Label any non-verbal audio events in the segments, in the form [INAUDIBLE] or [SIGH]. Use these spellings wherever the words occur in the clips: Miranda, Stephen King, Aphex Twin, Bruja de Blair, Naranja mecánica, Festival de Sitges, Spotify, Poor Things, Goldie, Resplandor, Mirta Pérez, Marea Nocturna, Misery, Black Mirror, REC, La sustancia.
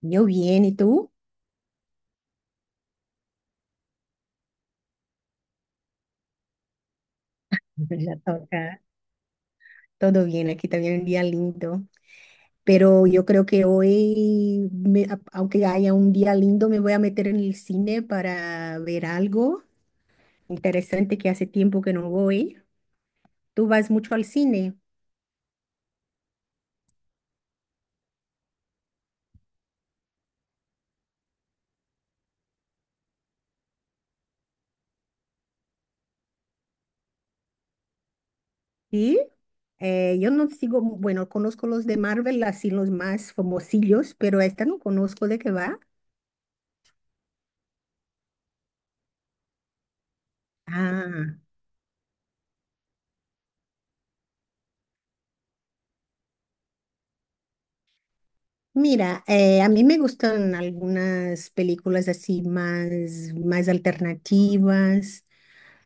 Yo bien, ¿y tú? [LAUGHS] La toca. Todo bien, aquí también un día lindo. Pero yo creo que hoy, aunque haya un día lindo, me voy a meter en el cine para ver algo interesante que hace tiempo que no voy. Tú vas mucho al cine, ¿sí? Yo no sigo, bueno, conozco los de Marvel, así los más famosillos, pero esta no conozco de qué va. Ah. Mira, a mí me gustan algunas películas así más, más alternativas.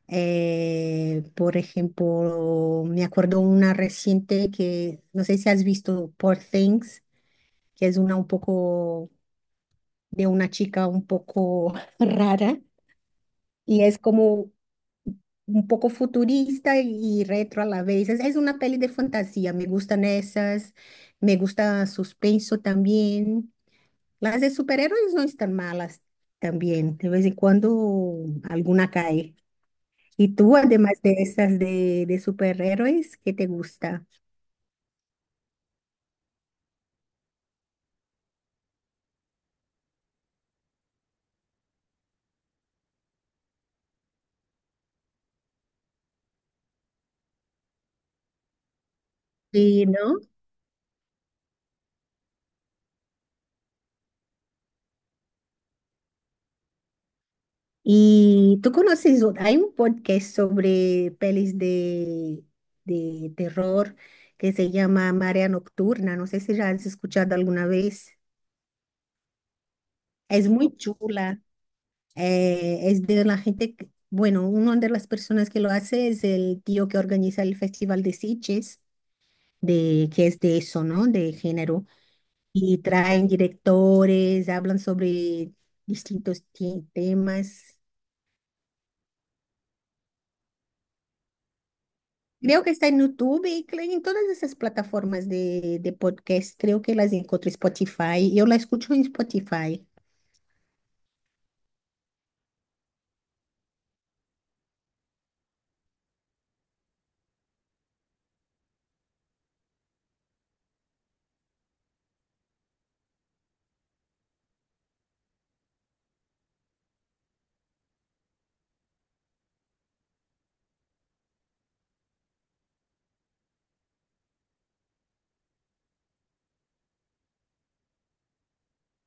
Por ejemplo, me acuerdo una reciente que no sé si has visto Poor Things, que es una un poco de una chica un poco [LAUGHS] rara y es como un poco futurista y retro a la vez. Es una peli de fantasía, me gustan esas, me gusta suspenso también. Las de superhéroes no están malas también. De vez en cuando alguna cae. ¿Y tú, además de esas de superhéroes, qué te gusta? Sí, ¿no? Y tú conoces, hay un podcast sobre pelis de terror que se llama Marea Nocturna. No sé si ya has escuchado alguna vez. Es muy chula. Es de la gente, bueno, una de las personas que lo hace es el tío que organiza el Festival de Sitges. De que es de eso, ¿no? De género. Y traen directores, hablan sobre temas. Creo que está en YouTube y en todas esas plataformas de podcast. Creo que las encuentro en Spotify. Yo la escucho en Spotify.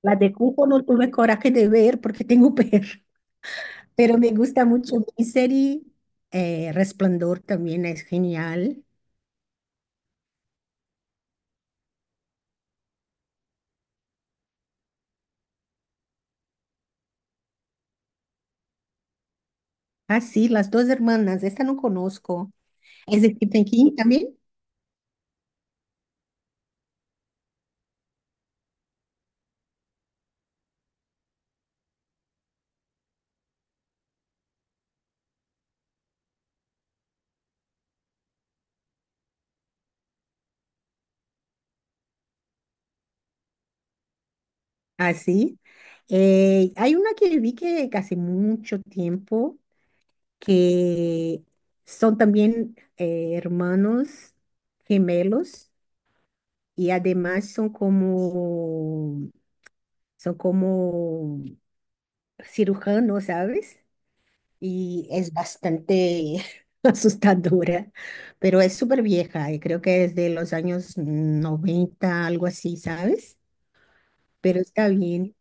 La de Cuco no tuve coraje de ver porque tengo perro, [LAUGHS] pero me gusta mucho mi serie. Resplandor también es genial. Ah, sí, las dos hermanas. Esta no conozco. ¿Es de Stephen King también? Así. Hay una que vi que hace mucho tiempo que son también hermanos gemelos y además son como cirujanos, ¿sabes? Y es bastante [LAUGHS] asustadora, pero es súper vieja y creo que es de los años 90 algo así, ¿sabes? Pero está bien.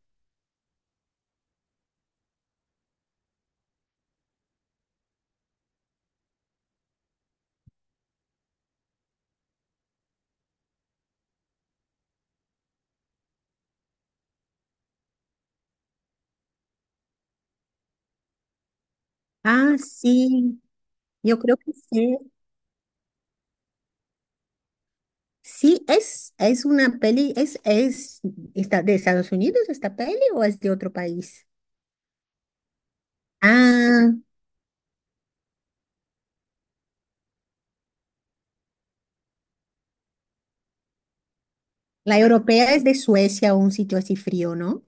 Ah, sí, yo creo que sí. Sí, es una peli, es, ¿está de Estados Unidos esta peli o es de otro país? Ah, la europea es de Suecia o un sitio así frío, ¿no?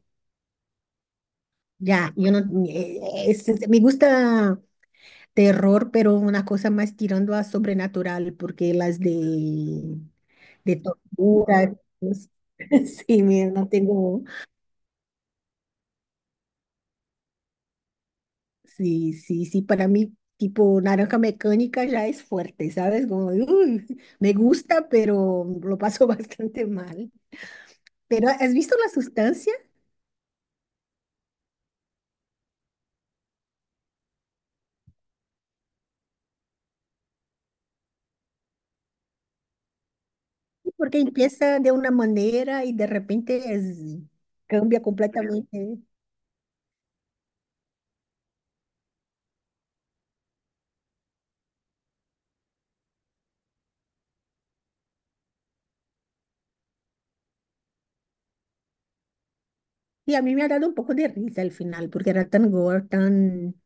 Ya, yo no, eh, me gusta terror, pero una cosa más tirando a sobrenatural, porque las de tortura, pues, [LAUGHS] sí, mira, no tengo, sí, sí, sí, para mí tipo naranja mecánica ya es fuerte, ¿sabes? Como, "Uy, me gusta, pero lo paso [LAUGHS] bastante mal". Pero ¿has visto la sustancia? Porque empieza de una manera y de repente es, cambia completamente. Y a mí me ha dado un poco de risa al final, porque era tan gore, tan,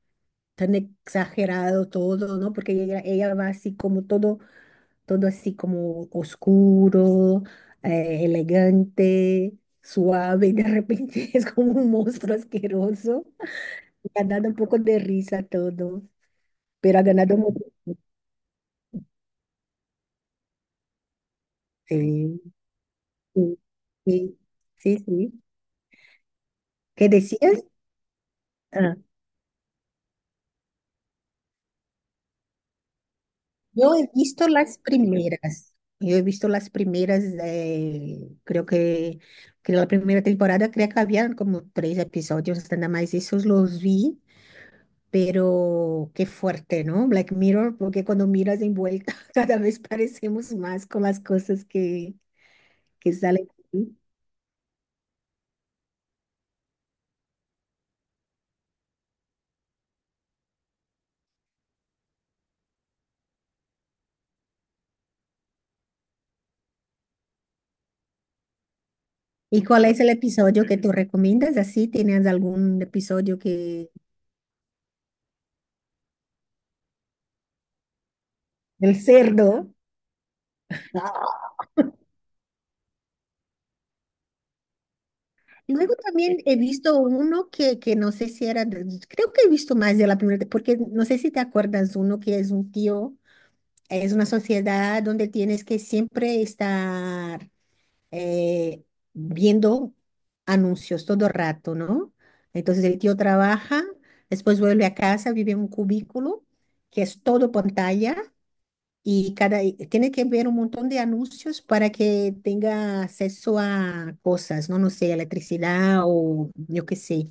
tan exagerado todo, ¿no? Porque ella va así como todo todo así como oscuro, elegante, suave, [LAUGHS] y de repente [LAUGHS] es como un monstruo asqueroso. Me ha dado un poco de risa todo, pero ha ganado mucho. Sí, sí, sí, sí, sí. ¿Qué decías? Ah, yo he visto las primeras. Yo he visto las primeras, creo que la primera temporada, creo que habían como tres episodios, nada más esos los vi. Pero qué fuerte, ¿no? Black Mirror, porque cuando miras de envuelta, [LAUGHS] cada vez parecemos más con las cosas que salen aquí. ¿Y cuál es el episodio que tú recomiendas? Así, ¿tienes algún episodio que... El cerdo. Ah. Luego también he visto uno que no sé si era, creo que he visto más de la primera, porque no sé si te acuerdas, uno que es un tío, es una sociedad donde tienes que siempre estar eh, viendo anuncios todo rato, ¿no? Entonces el tío trabaja, después vuelve a casa, vive en un cubículo que es todo pantalla y cada y tiene que ver un montón de anuncios para que tenga acceso a cosas, ¿no? No sé, electricidad o yo qué sé.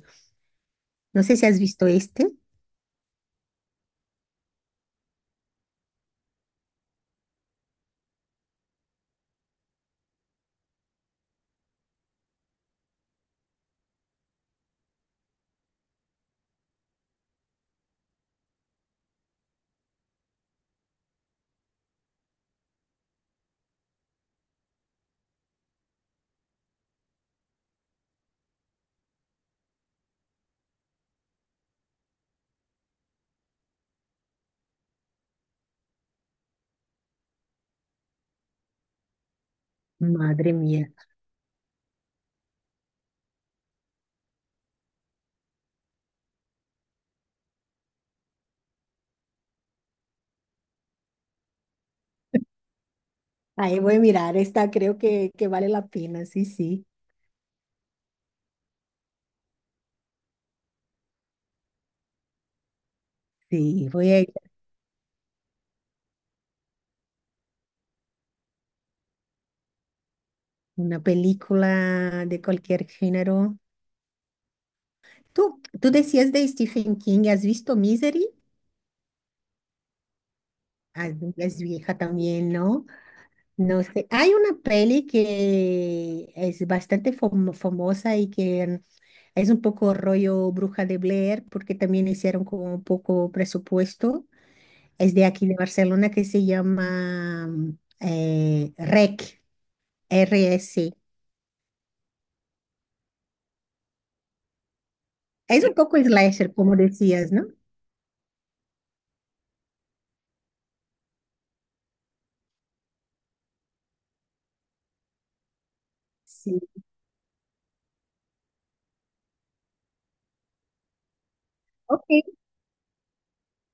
No sé si has visto este. Madre mía. Ahí voy a mirar esta, creo que vale la pena, sí, sí. Sí, voy a ir a una película de cualquier género. Tú decías de Stephen King, ¿has visto Misery? Ah, es vieja también, ¿no? No sé. Hay una peli que es bastante famosa y que es un poco rollo Bruja de Blair, porque también hicieron como un poco presupuesto. Es de aquí de Barcelona que se llama REC. RSC. Es un poco slasher, como decías, ¿no? Sí. Ok,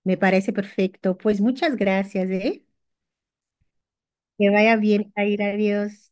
me parece perfecto. Pues muchas gracias, ¿eh? Que vaya bien, Jair. Adiós.